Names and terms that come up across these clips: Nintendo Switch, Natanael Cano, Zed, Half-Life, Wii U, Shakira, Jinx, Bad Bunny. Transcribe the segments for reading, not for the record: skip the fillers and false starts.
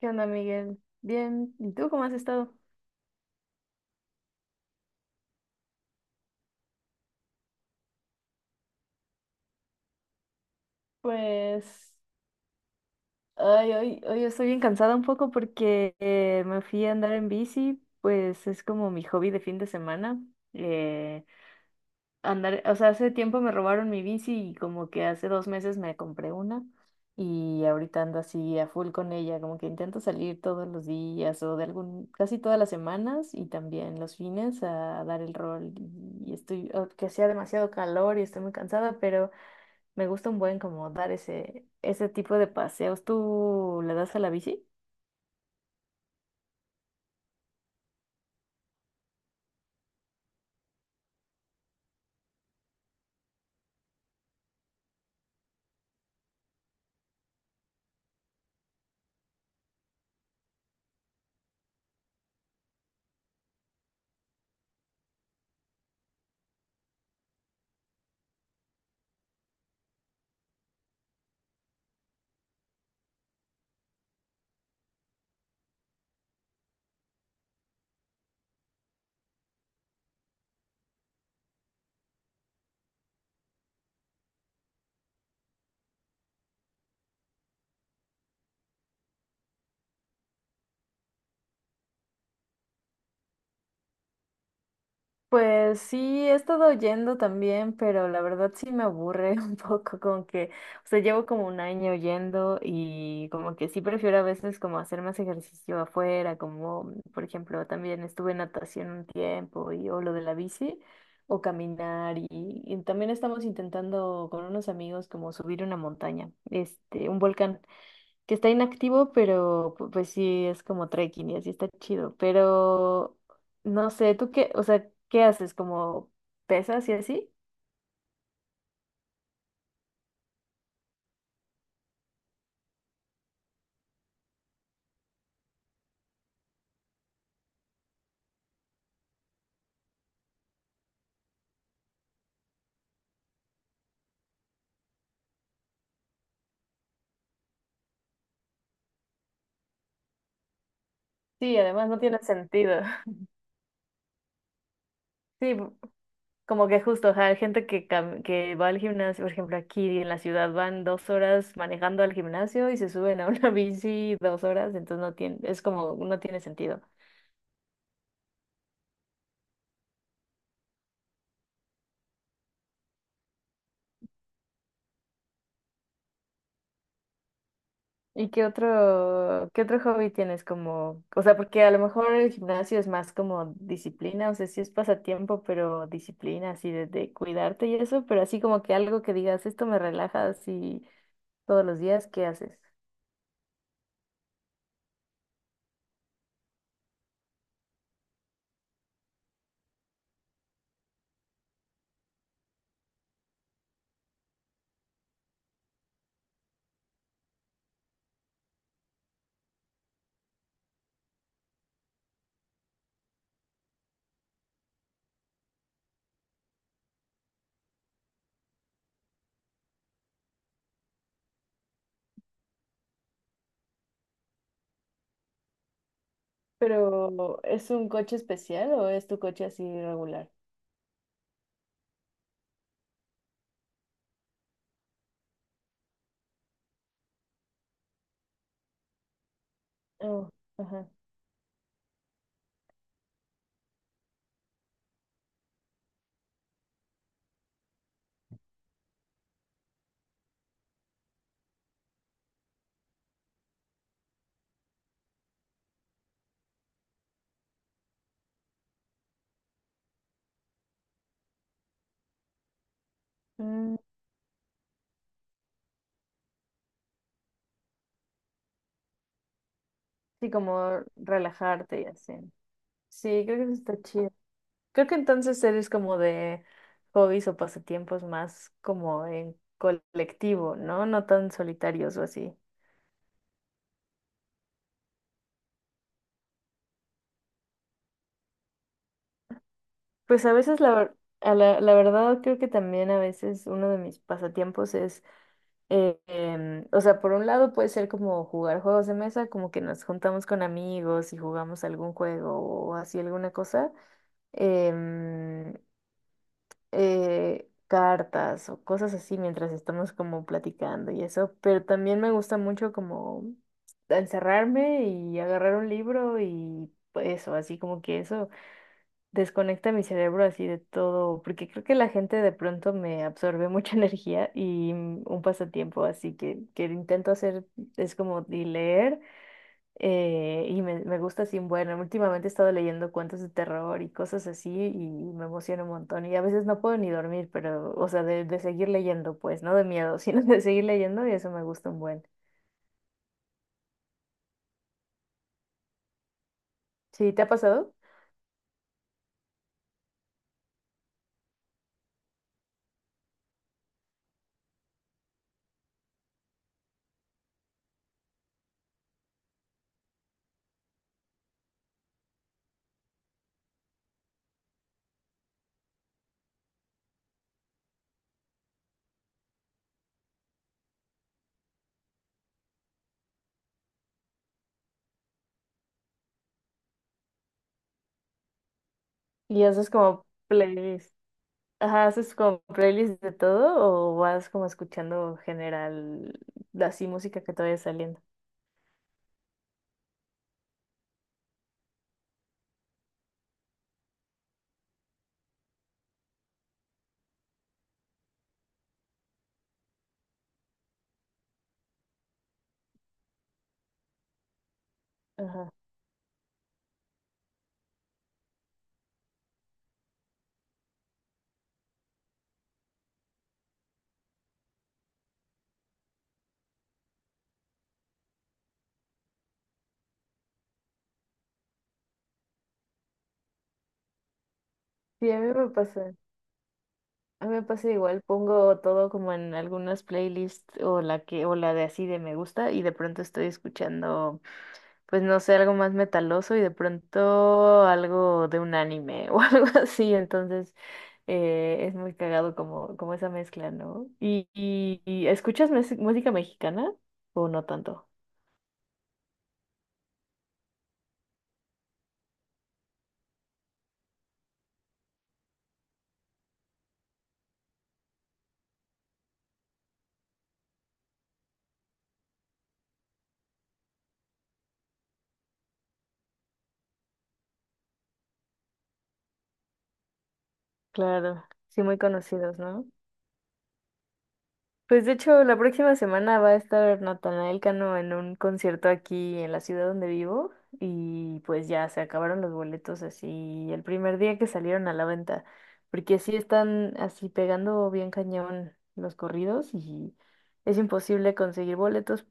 ¿Qué onda, Miguel? Bien, ¿y tú cómo has estado? Pues, ay, hoy estoy bien cansada un poco porque me fui a andar en bici, pues es como mi hobby de fin de semana. eh, Andar, o sea, hace tiempo me robaron mi bici y como que hace 2 meses me compré una, y ahorita ando así a full con ella, como que intento salir todos los días o de algún, casi todas las semanas, y también los fines a dar el rol. Y estoy, oh, que hacía demasiado calor y estoy muy cansada. Me gusta un buen como dar ese tipo de paseos. ¿Tú le das a la bici? Pues sí, he estado yendo también, pero la verdad sí me aburre un poco, como que, o sea, llevo como un año yendo, y como que sí prefiero a veces como hacer más ejercicio afuera, como por ejemplo también estuve en natación un tiempo y o lo de la bici o caminar. Y, y también estamos intentando con unos amigos como subir una montaña, este, un volcán que está inactivo, pero pues sí es como trekking y así está chido. Pero no sé, ¿tú qué, o sea, qué haces? ¿Como pesas y así? Sí, además no tiene sentido. Sí, como que justo, ajá, hay gente que, que va al gimnasio, por ejemplo, aquí en la ciudad van 2 horas manejando al gimnasio y se suben a una bici 2 horas, entonces no tiene, es como, no tiene sentido. ¿Y qué otro hobby tienes como, o sea, porque a lo mejor el gimnasio es más como disciplina, o sea, sí es pasatiempo, pero disciplina, así de cuidarte y eso, pero así como que algo que digas, esto me relaja así todos los días, ¿qué haces? ¿Pero es un coche especial o es tu coche así regular? Oh, ajá. Mm, sí, como relajarte y así. Sí, creo que eso está chido. Creo que entonces eres como de hobbies o pasatiempos más como en colectivo, ¿no? No tan solitarios o así. Pues a veces a la verdad creo que también a veces uno de mis pasatiempos es, o sea, por un lado puede ser como jugar juegos de mesa, como que nos juntamos con amigos y jugamos algún juego o así alguna cosa. Em, Cartas o cosas así mientras estamos como platicando y eso, pero también me gusta mucho como encerrarme y agarrar un libro y eso, así como que eso desconecta mi cerebro así de todo, porque creo que la gente de pronto me absorbe mucha energía. Y un pasatiempo así que intento hacer es como de leer, y me gusta así. Bueno, últimamente he estado leyendo cuentos de terror y cosas así y me emociona un montón y a veces no puedo ni dormir, pero, o sea, de seguir leyendo, pues, no de miedo, sino de seguir leyendo, y eso me gusta un buen. Sí, ¿te ha pasado? ¿Y haces como playlist? Ajá, ¿haces como playlist de todo o vas como escuchando general, así música que te vaya saliendo? Ajá. Sí, a mí me pasa. A mí me pasa igual, pongo todo como en algunas playlists o la que o la de así de me gusta, y de pronto estoy escuchando, pues no sé, algo más metaloso y de pronto algo de un anime o algo así. Entonces es muy cagado como, como esa mezcla, ¿no? ¿Y escuchas música mexicana o no tanto? Claro, sí, muy conocidos. No, pues de hecho, la próxima semana va a estar Natanael Cano en un concierto aquí en la ciudad donde vivo, y pues ya se acabaron los boletos así el primer día que salieron a la venta, porque sí están así pegando bien cañón los corridos y es imposible conseguir boletos,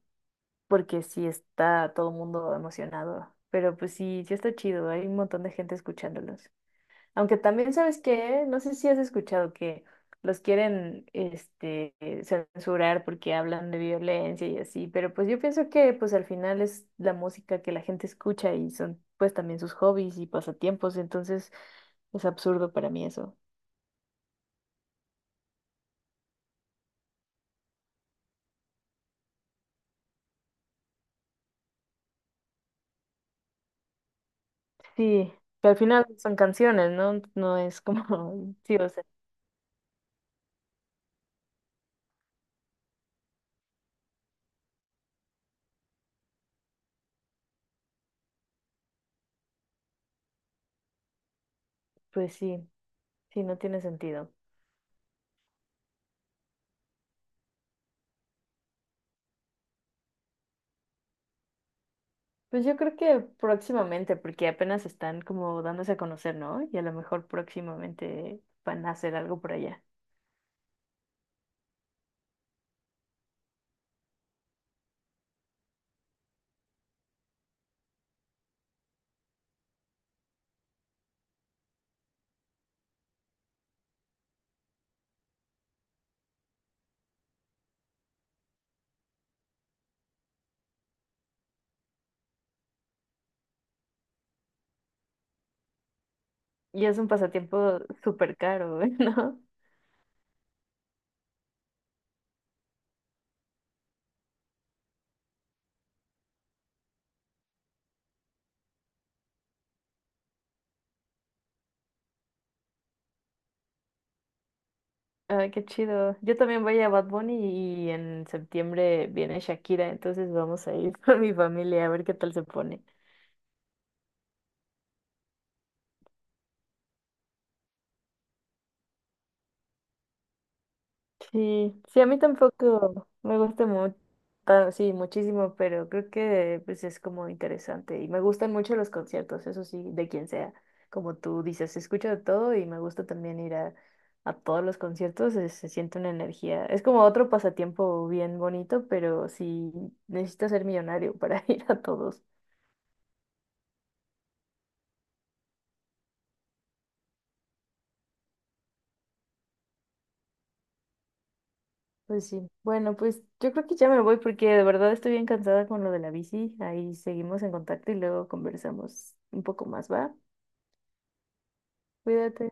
porque sí está todo el mundo emocionado. Pero pues sí, sí está chido, hay un montón de gente escuchándolos. Aunque también sabes que, no sé si has escuchado que los quieren este, censurar, porque hablan de violencia y así, pero pues yo pienso que pues al final es la música que la gente escucha, y son pues también sus hobbies y pasatiempos, entonces es absurdo para mí eso. Sí, que al final son canciones, ¿no? No es como, sí, o sea, pues sí, sí, no tiene sentido. Pues yo creo que próximamente, porque apenas están como dándose a conocer, ¿no? Y a lo mejor próximamente van a hacer algo por allá. Y es un pasatiempo súper caro, ¿no? Ay, qué chido. Yo también voy a Bad Bunny y en septiembre viene Shakira, entonces vamos a ir con mi familia a ver qué tal se pone. Sí, sí, a mí tampoco me gusta mucho, sí, muchísimo, pero creo que pues es como interesante y me gustan mucho los conciertos, eso sí, de quien sea. Como tú dices, escucho de todo y me gusta también ir a todos los conciertos, se siente una energía. Es como otro pasatiempo bien bonito, pero sí, necesitas ser millonario para ir a todos. Pues sí, bueno, pues yo creo que ya me voy porque de verdad estoy bien cansada con lo de la bici. Ahí seguimos en contacto y luego conversamos un poco más, ¿va? Cuídate.